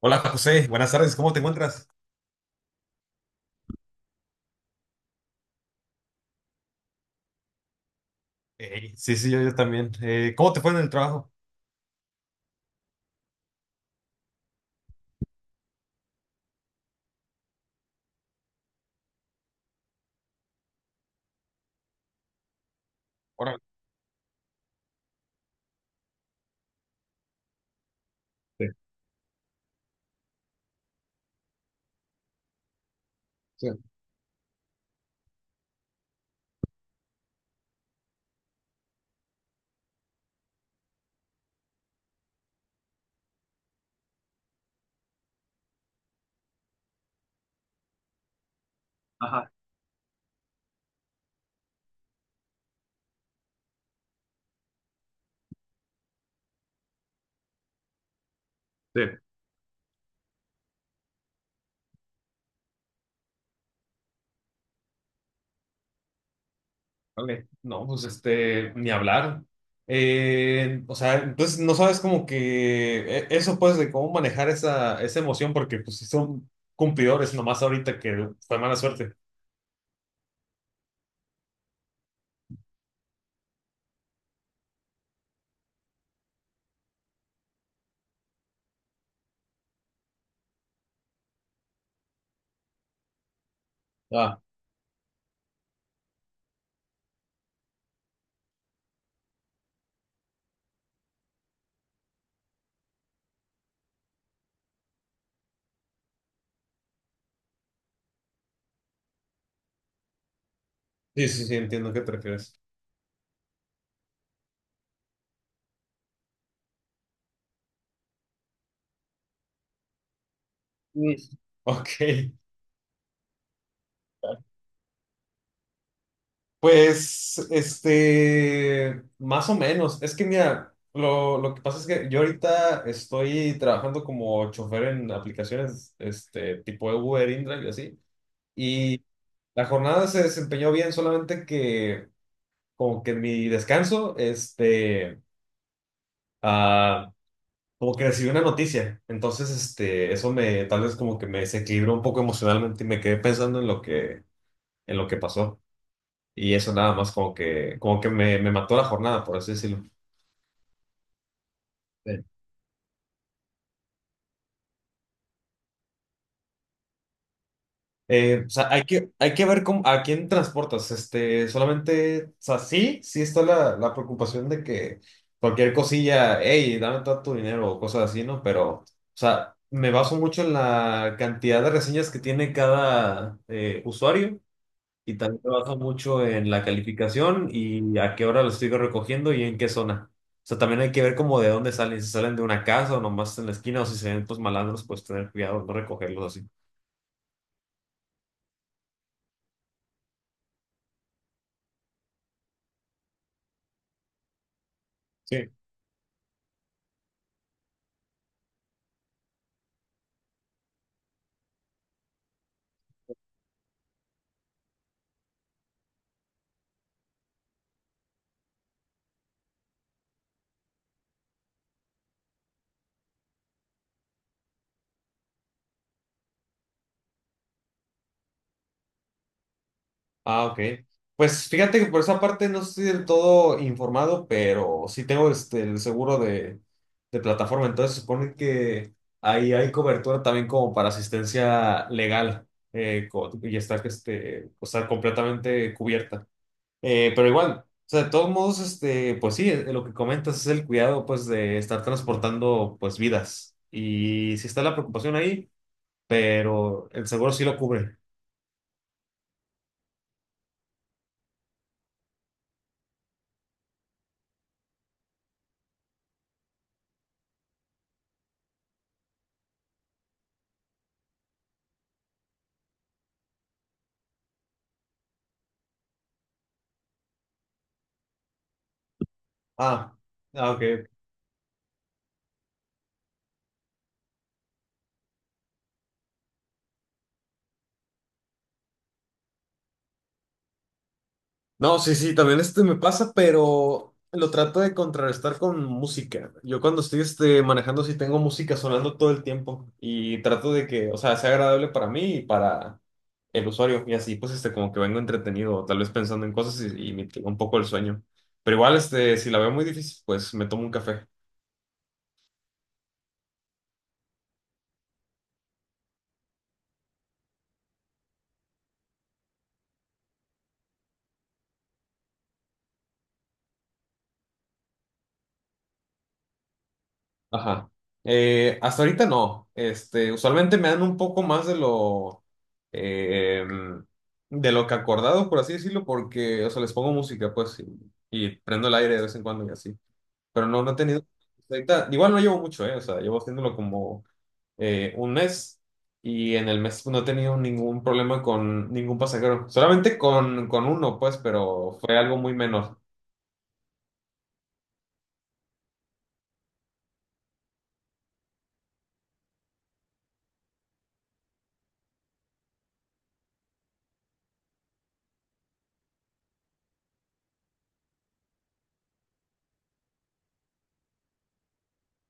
Hola José, buenas tardes, ¿cómo te encuentras? Ey, sí, sí, yo también. ¿Cómo te fue en el trabajo? Órale. Sí, sí, ajá, sí. Vale. No, pues ni hablar. O sea, entonces no sabes como que eso pues de cómo manejar esa emoción porque pues sí son cumplidores nomás ahorita que fue mala suerte. Ah, sí, sí, sí, entiendo a qué te refieres. Mm. Ok. Pues, más o menos. Es que mira, lo que pasa es que yo ahorita estoy trabajando como chofer en aplicaciones, tipo Uber, InDrive y así. Y la jornada se desempeñó bien, solamente que como que en mi descanso, ah, como que recibí una noticia. Entonces, eso me, tal vez como que me desequilibró un poco emocionalmente y me quedé pensando en lo en lo que pasó. Y eso nada más como como que me mató la jornada, por así decirlo. Sí. O sea, hay hay que ver cómo, a quién transportas. Este, solamente, o sea, sí, sí está la preocupación de que cualquier cosilla, hey, dame todo tu dinero o cosas así, ¿no? Pero, o sea, me baso mucho en la cantidad de reseñas que tiene cada usuario y también me baso mucho en la calificación y a qué hora lo estoy recogiendo y en qué zona. O sea, también hay que ver como de dónde salen, si salen de una casa o nomás en la esquina o si se ven pues malandros, pues tener cuidado, no recogerlos así. Ah, ok. Pues fíjate que por esa parte no estoy del todo informado, pero sí tengo el seguro de plataforma. Entonces supone que ahí hay cobertura también como para asistencia legal y está, este, o sea, completamente cubierta. Pero igual, o sea, de todos modos, pues sí, lo que comentas es el cuidado pues de estar transportando pues vidas. Y sí está la preocupación ahí, pero el seguro sí lo cubre. Ah, ah, ok. No, sí, sí, también este me pasa, pero lo trato de contrarrestar con música. Yo cuando estoy este, manejando sí tengo música sonando todo el tiempo y trato de que, o sea, sea agradable para mí y para el usuario y así pues este como que vengo entretenido, tal vez pensando en cosas y me mitigo un poco el sueño. Pero igual este si la veo muy difícil, pues me tomo un café. Ajá. Hasta ahorita no. Este, usualmente me dan un poco más de lo eh, em, de lo que acordado, por así decirlo, porque, o sea, les pongo música, pues, y prendo el aire de vez en cuando y así. Pero no, no he tenido. Hasta ahorita, igual no llevo mucho, ¿eh? O sea, llevo haciéndolo como un mes y en el mes no he tenido ningún problema con ningún pasajero. Solamente con uno, pues, pero fue algo muy menor.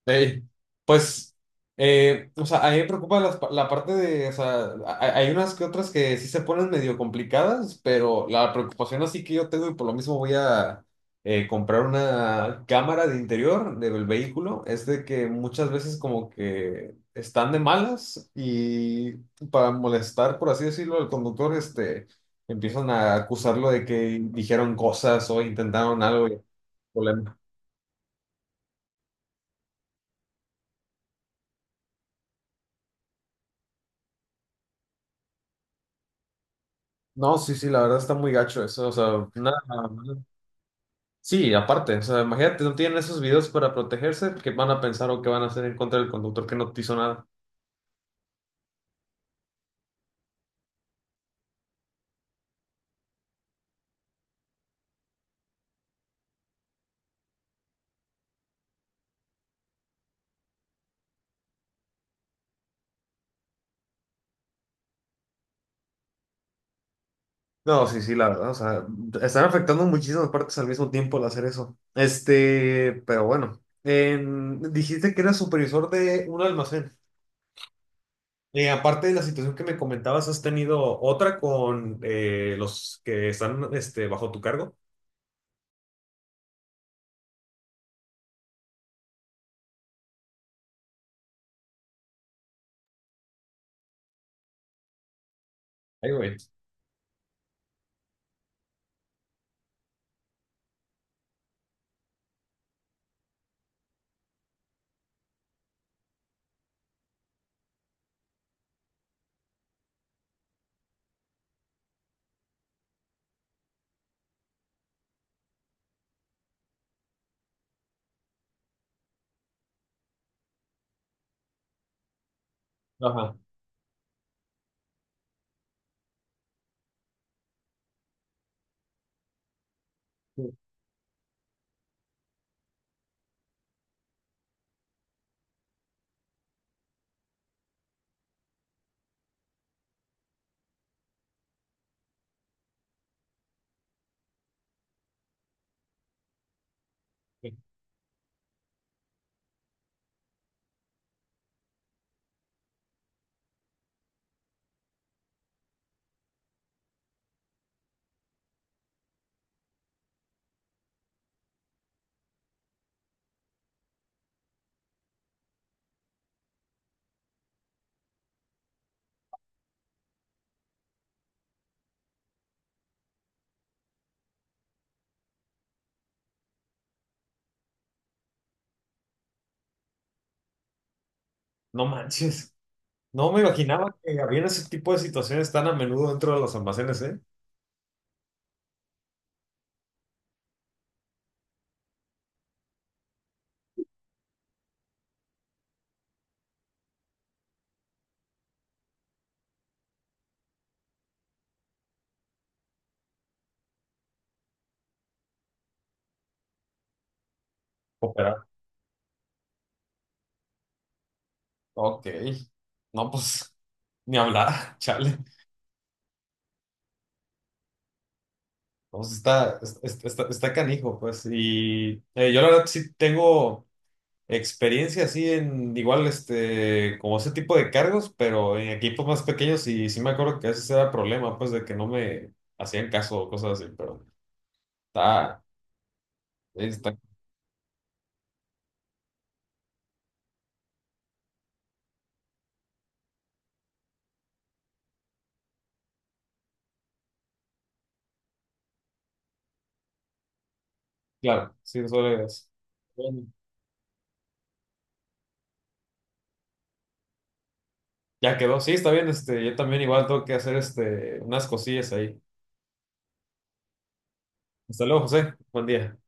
Ey, pues, o sea, a mí me preocupa las la parte de, o sea, hay unas que otras que sí se ponen medio complicadas, pero la preocupación así que yo tengo y por lo mismo voy a comprar una cámara de interior del vehículo, es de que muchas veces como que están de malas y para molestar, por así decirlo, al conductor, empiezan a acusarlo de que dijeron cosas o intentaron algo. Y no, sí, sí, la verdad está muy gacho eso, o sea, nada, nada. Sí, aparte, o sea, imagínate, no tienen esos videos para protegerse, ¿que van a pensar o que van a hacer en contra del conductor que no te hizo nada? No, sí, sí, la verdad, o sea, están afectando muchísimas partes al mismo tiempo al hacer eso. Este, pero bueno, dijiste que eras supervisor de un almacén. Y aparte de la situación que me comentabas, ¿has tenido otra con los que están este, bajo tu cargo? Ay, güey. Ajá. No manches. No me imaginaba que había ese tipo de situaciones tan a menudo dentro de los almacenes, ¿eh? Operar. Ok. No, pues, ni hablar, chale. No, pues está, está, está canijo, pues. Y yo la verdad sí tengo experiencia así en igual, como ese tipo de cargos, pero en equipos más pequeños y sí me acuerdo que ese era problema, pues, de que no me hacían caso o cosas así, pero está, está, claro, sí, eso es. Ya quedó, sí, está bien, yo también igual tengo que hacer unas cosillas ahí. Hasta luego, José, buen día.